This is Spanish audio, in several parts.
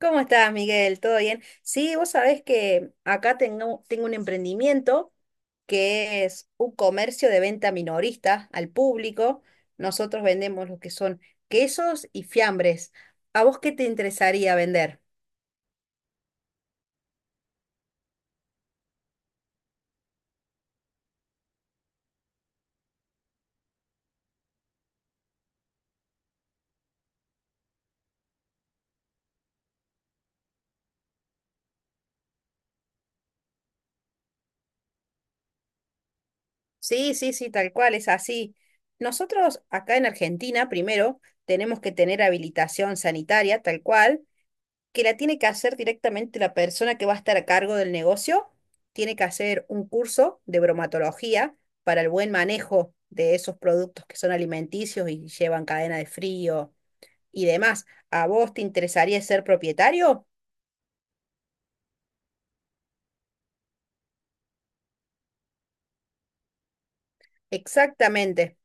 ¿Cómo estás, Miguel? ¿Todo bien? Sí, vos sabés que acá tengo un emprendimiento que es un comercio de venta minorista al público. Nosotros vendemos lo que son quesos y fiambres. ¿A vos qué te interesaría vender? Sí, sí, sí, tal cual, es así. Nosotros acá en Argentina, primero, tenemos que tener habilitación sanitaria, tal cual, que la tiene que hacer directamente la persona que va a estar a cargo del negocio, tiene que hacer un curso de bromatología para el buen manejo de esos productos que son alimenticios y llevan cadena de frío y demás. ¿A vos te interesaría ser propietario? Exactamente.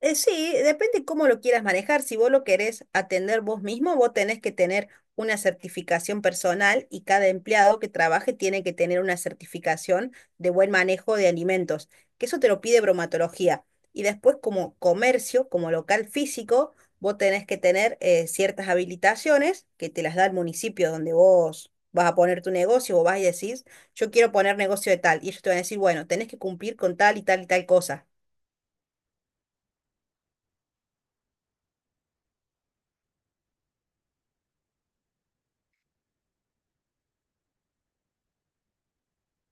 Sí, depende cómo lo quieras manejar. Si vos lo querés atender vos mismo, vos tenés que tener una certificación personal y cada empleado que trabaje tiene que tener una certificación de buen manejo de alimentos, que eso te lo pide bromatología. Y después como comercio, como local físico, vos tenés que tener ciertas habilitaciones que te las da el municipio donde vos vas a poner tu negocio o vas y decís, yo quiero poner negocio de tal. Y ellos te van a decir, bueno, tenés que cumplir con tal y tal y tal cosa.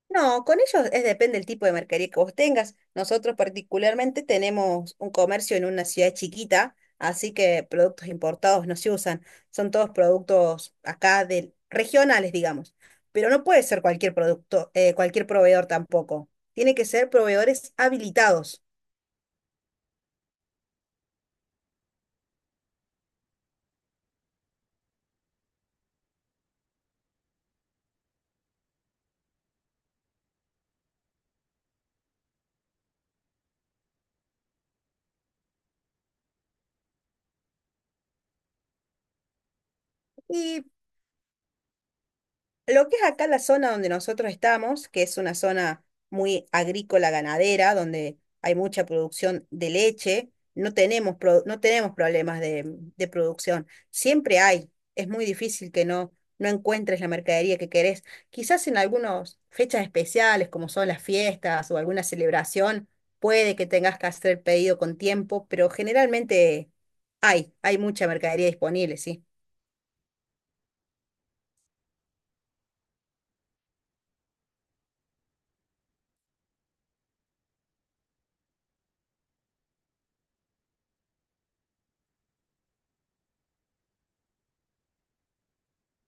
No, con ellos es depende del tipo de mercadería que vos tengas. Nosotros particularmente tenemos un comercio en una ciudad chiquita, así que productos importados no se usan. Son todos productos acá de regionales, digamos. Pero no puede ser cualquier producto, cualquier proveedor tampoco. Tiene que ser proveedores habilitados. Y lo que es acá la zona donde nosotros estamos, que es una zona muy agrícola ganadera, donde hay mucha producción de leche, no tenemos, no tenemos problemas de producción. Siempre hay. Es muy difícil que no encuentres la mercadería que querés. Quizás en algunas fechas especiales, como son las fiestas o alguna celebración, puede que tengas que hacer pedido con tiempo, pero generalmente hay mucha mercadería disponible, sí.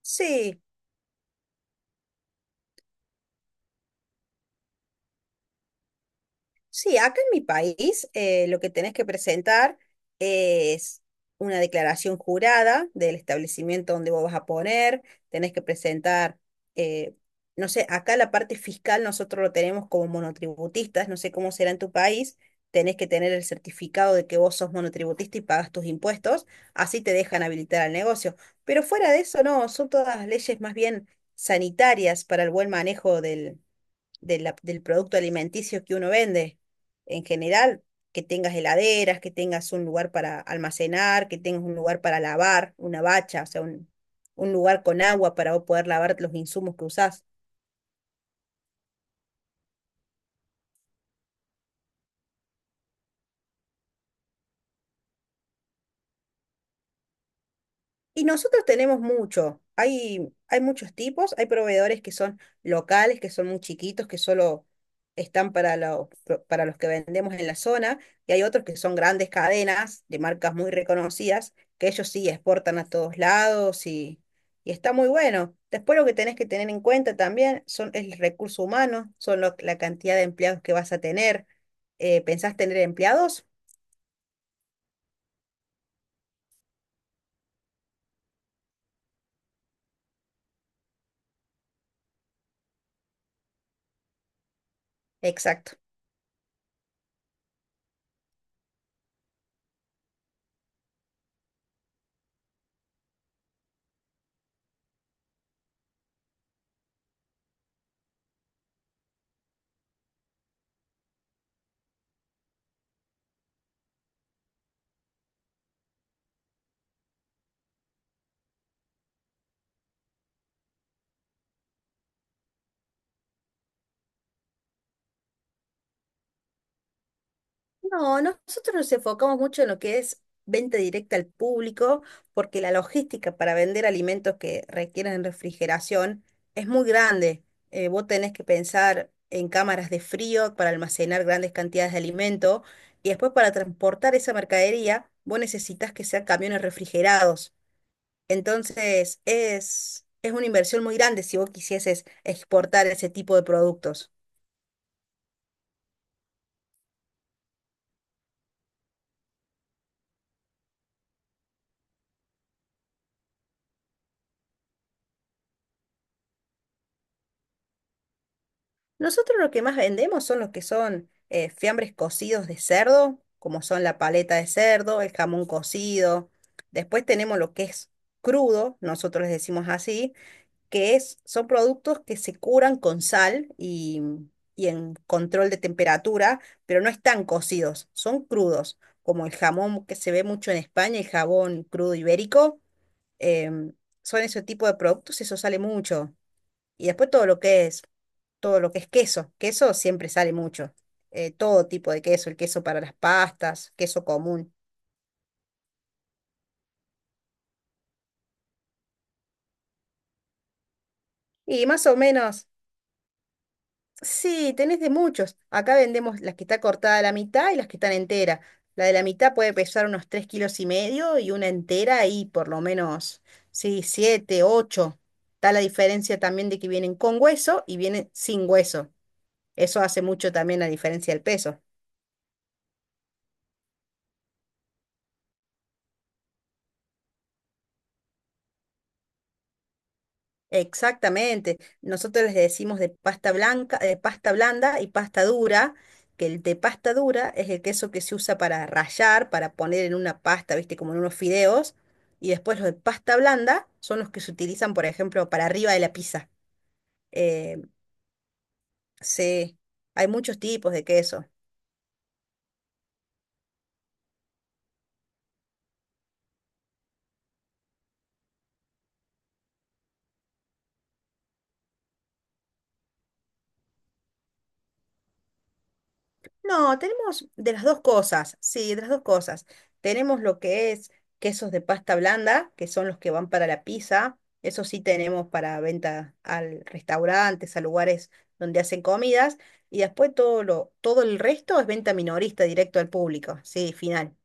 Sí. Sí, acá en mi país lo que tenés que presentar es una declaración jurada del establecimiento donde vos vas a poner, tenés que presentar, eh, no sé, acá la parte fiscal nosotros lo tenemos como monotributistas, no sé cómo será en tu país, tenés que tener el certificado de que vos sos monotributista y pagas tus impuestos, así te dejan habilitar al negocio. Pero fuera de eso, no, son todas leyes más bien sanitarias para el buen manejo del producto alimenticio que uno vende. En general, que tengas heladeras, que tengas un lugar para almacenar, que tengas un lugar para lavar, una bacha, o sea, un lugar con agua para vos poder lavar los insumos que usás. Y nosotros tenemos mucho. Hay muchos tipos. Hay proveedores que son locales, que son muy chiquitos, que solo están para los que vendemos en la zona. Y hay otros que son grandes cadenas de marcas muy reconocidas, que ellos sí exportan a todos lados y está muy bueno. Después lo que tenés que tener en cuenta también son el recurso humano, son la cantidad de empleados que vas a tener. ¿Pensás tener empleados? Exacto. No, nosotros nos enfocamos mucho en lo que es venta directa al público, porque la logística para vender alimentos que requieren refrigeración es muy grande. Vos tenés que pensar en cámaras de frío para almacenar grandes cantidades de alimento y después para transportar esa mercadería, vos necesitas que sean camiones refrigerados. Entonces, es una inversión muy grande si vos quisieses exportar ese tipo de productos. Nosotros lo que más vendemos son los que son fiambres cocidos de cerdo, como son la paleta de cerdo, el jamón cocido. Después tenemos lo que es crudo, nosotros les decimos así, son productos que se curan con sal y en control de temperatura, pero no están cocidos, son crudos, como el jamón que se ve mucho en España, el jabón crudo ibérico. em, Son ese tipo de productos, eso sale mucho. Y después todo lo que es, todo lo que es queso. Queso siempre sale mucho. Todo tipo de queso, el queso para las pastas, queso común. Y más o menos, sí, tenés de muchos. Acá vendemos las que está cortada a la mitad y las que están enteras. La de la mitad puede pesar unos 3,5 kilos y una entera y por lo menos, sí, 7 u 8. Está la diferencia también de que vienen con hueso y vienen sin hueso. Eso hace mucho también la diferencia del peso. Exactamente. Nosotros les decimos de pasta blanca, de pasta blanda y pasta dura, que el de pasta dura es el queso que se usa para rallar, para poner en una pasta, viste, como en unos fideos, y después los de pasta blanda son los que se utilizan, por ejemplo, para arriba de la pizza. Eh, se- Hay muchos tipos de queso. No, tenemos de las dos cosas, sí, de las dos cosas. Tenemos lo que es quesos de pasta blanda, que son los que van para la pizza. Eso sí tenemos para venta al restaurantes, a lugares donde hacen comidas. Y después todo lo, todo el resto es venta minorista directo al público. Sí, final.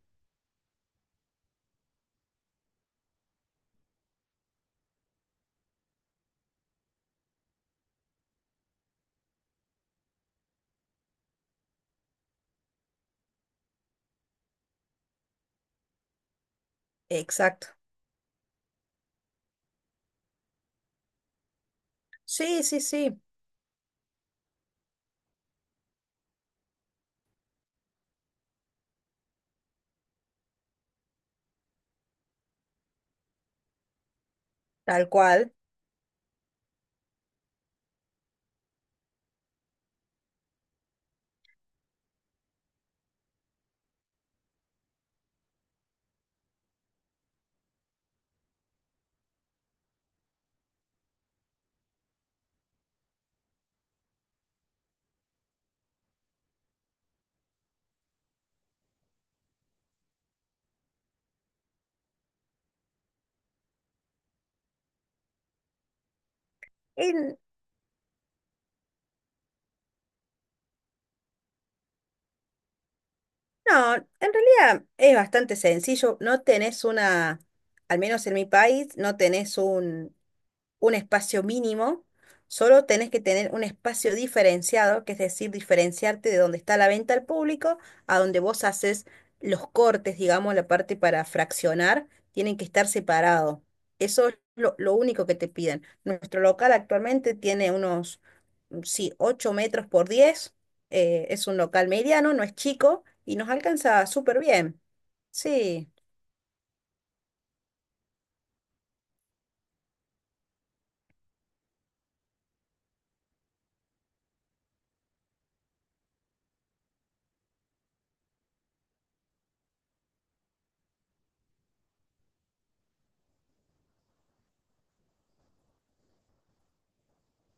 Exacto. Sí, sí, sí, tal cual. En- no, en realidad es bastante sencillo. No tenés una, al menos en mi país, no tenés un espacio mínimo, solo tenés que tener un espacio diferenciado, que es decir, diferenciarte de donde está la venta al público a donde vos haces los cortes, digamos, la parte para fraccionar, tienen que estar separado. Eso es lo único que te piden. Nuestro local actualmente tiene unos, mm, sí, 8 metros por 10. Es un local mediano, no es chico y nos alcanza súper bien. Sí,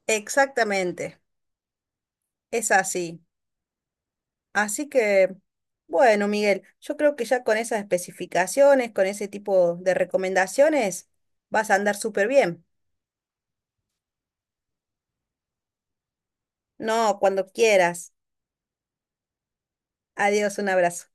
exactamente, es así. Así que, bueno, Miguel, yo creo que ya con esas especificaciones, con ese tipo de recomendaciones, vas a andar súper bien. No, cuando quieras. Adiós, un abrazo.